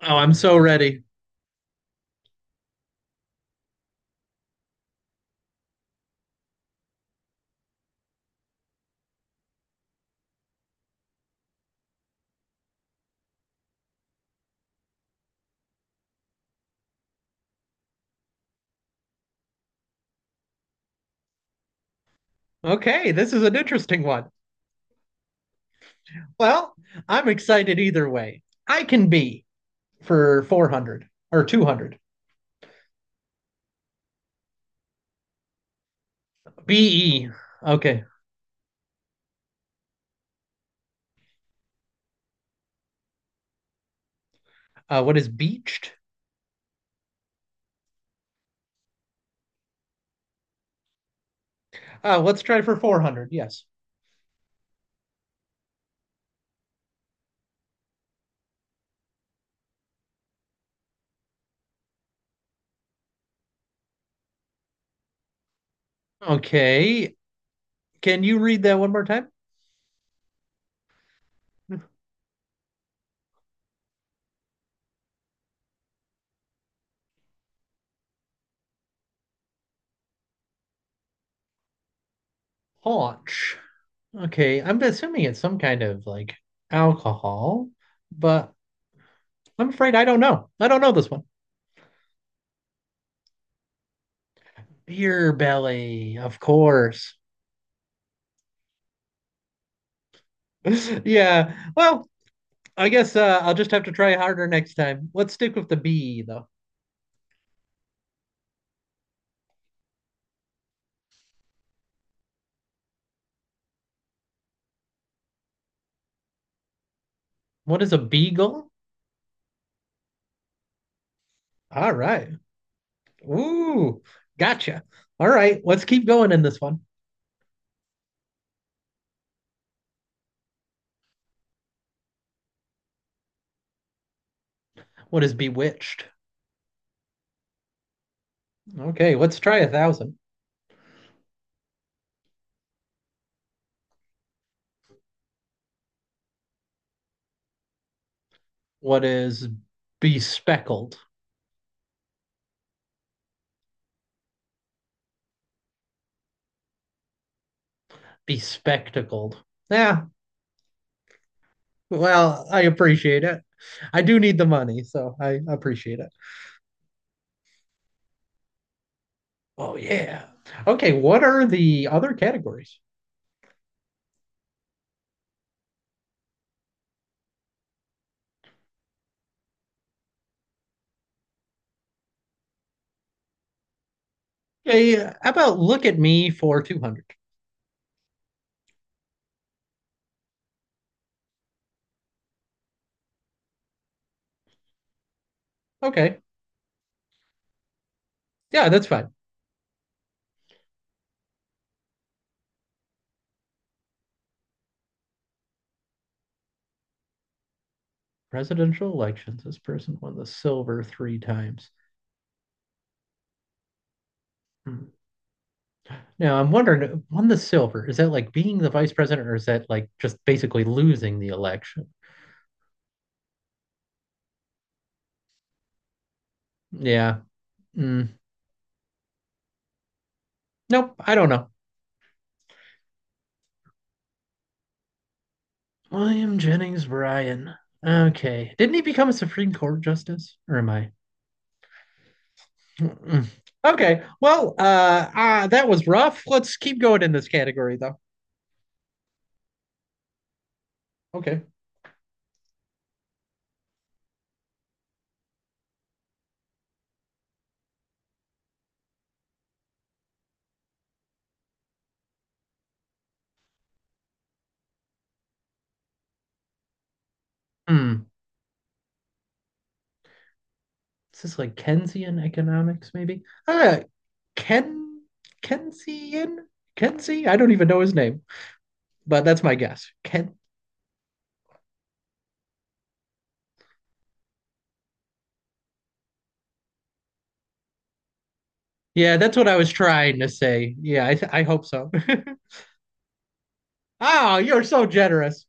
Oh, I'm so ready. Okay, this is an interesting one. Well, I'm excited either way. I can be for 400 or 200. BE. Okay. What is beached? Let's try for 400. Yes. Okay. Can you read that one more time? Haunch. Okay. I'm assuming it's some kind of like alcohol, but I'm afraid I don't know. I don't know this one. Beer belly, of course. Yeah. Well, I guess I'll just have to try harder next time. Let's stick with the bee, though. What is a beagle? All right. Ooh, gotcha. All right, let's keep going in this one. What is bewitched? Okay, let's try 1,000. What is bespeckled? Bespectacled. Yeah, well, I appreciate it. I do need the money, so I appreciate it. Oh, yeah. Okay, what are the other categories? Okay, how about look at me for 200? Okay, yeah, that's fine. Presidential elections. This person won the silver three times. Hmm. Now I'm wondering, won the silver? Is that like being the vice president, or is that like just basically losing the election? Yeah. Mm. Nope. I don't know. William Jennings Bryan. Okay. Didn't he become a Supreme Court justice? Or am I? Mm-mm. Okay. Well, that was rough. Let's keep going in this category, though. Okay. Hmm. Is this like Keynesian economics, maybe? Ah, Ken Keynesian? Kenzie? I don't even know his name, but that's my guess. Ken. Yeah, that's what I was trying to say. Yeah, I hope so. Oh, you're so generous.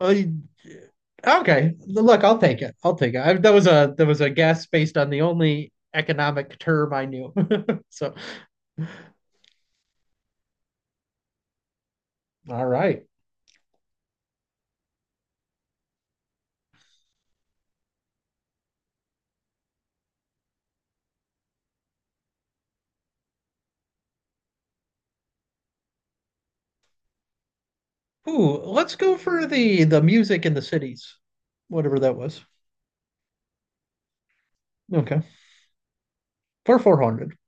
Well, Okay, look, I'll take it. I'll take it. I, that was a guess based on the only economic term I knew. So, all right. Ooh, let's go for the music in the cities, whatever that was. Okay, for 400.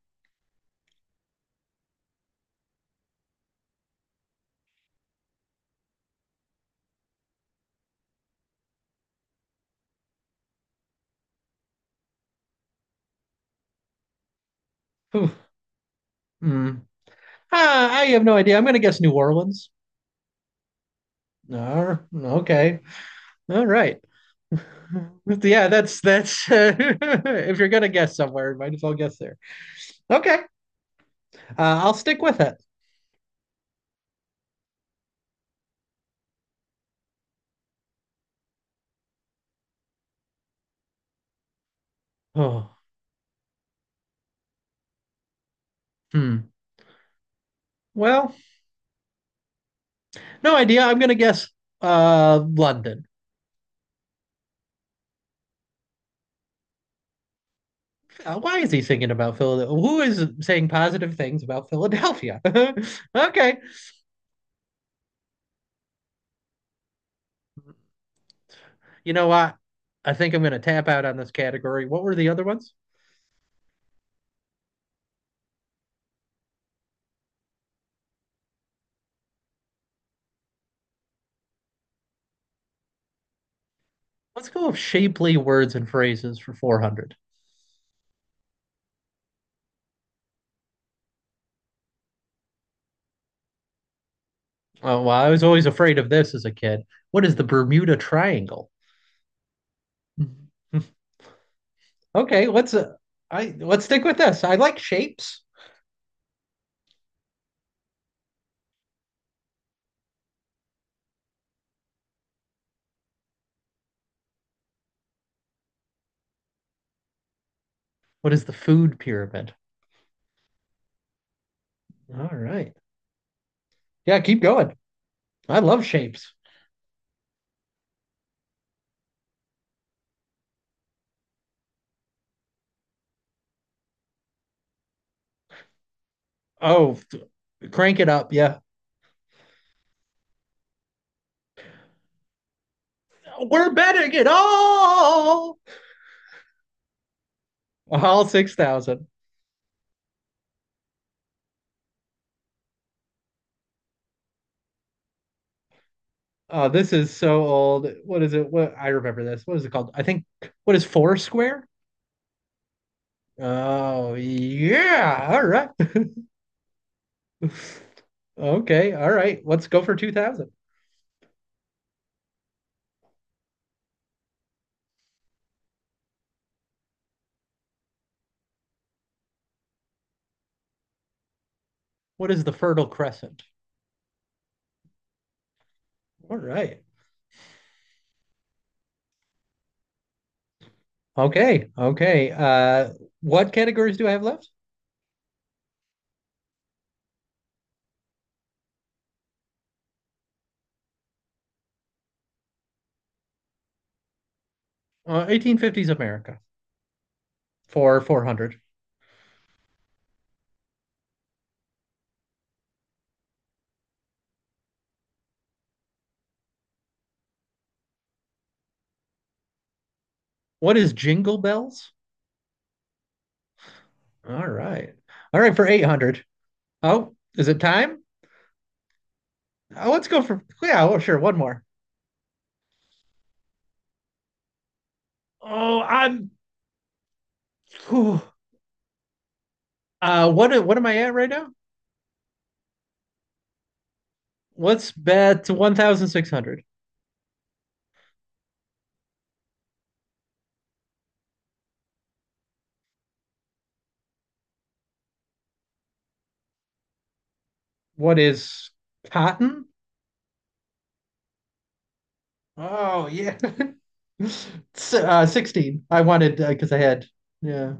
Ooh, Hmm. Ah, I have no idea. I'm going to guess New Orleans. Ah, okay. All right. Yeah, that's if you're going to guess somewhere, might as well guess there. Okay. I'll stick with it. Oh, hmm. Well, no idea. I'm going to guess London. Why is he thinking about Philadelphia? Who is saying positive things about Philadelphia? Okay. You know what? I think I'm going to tap out on this category. What were the other ones? Let's go with shapely words and phrases for 400. Oh, well, I was always afraid of this as a kid. What is the Bermuda Triangle? Okay, let's stick with this. I like shapes. What is the food pyramid? All right. Yeah, keep going. I love shapes. Oh, crank it up. Yeah. We're betting it all. All 6,000. Oh, this is so old. What is it? What I remember this. What is it called? I think what is Foursquare? Oh, yeah. All right. Okay, all right. Let's go for 2000. What is the Fertile Crescent? All right. Okay, okay. What categories do I have left? 1850s America for 400. What is Jingle Bells? All right. All right, for 800. Oh, is it time? Let's go for, yeah, well, sure, one more. Oh, whew. What am I at right now? Let's bet 1600. What is cotton? Oh yeah. 16. I wanted because I had yeah.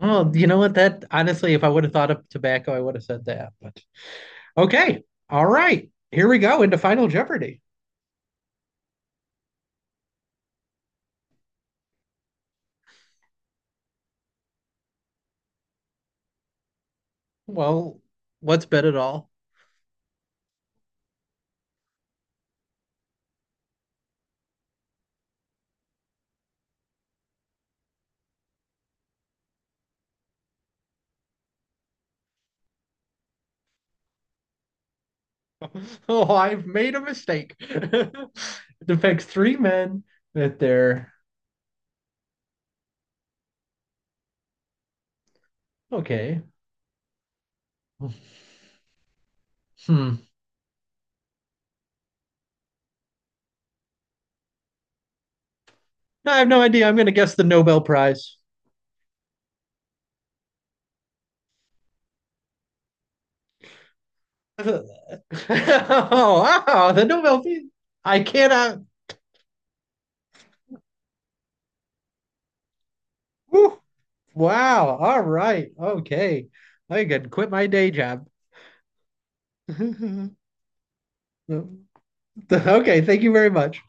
Oh, you know what? That honestly, if I would have thought of tobacco, I would have said that. But okay. All right. Here we go into Final Jeopardy. Well, what's bet it all? Oh, I've made a mistake. It affects three men that they're okay. Hmm. I have no idea. I'm gonna guess the Nobel Prize. Oh, wow, the Nobel Peace. I cannot. Wow. All right. Okay. I can quit my day job. Okay. Thank you very much.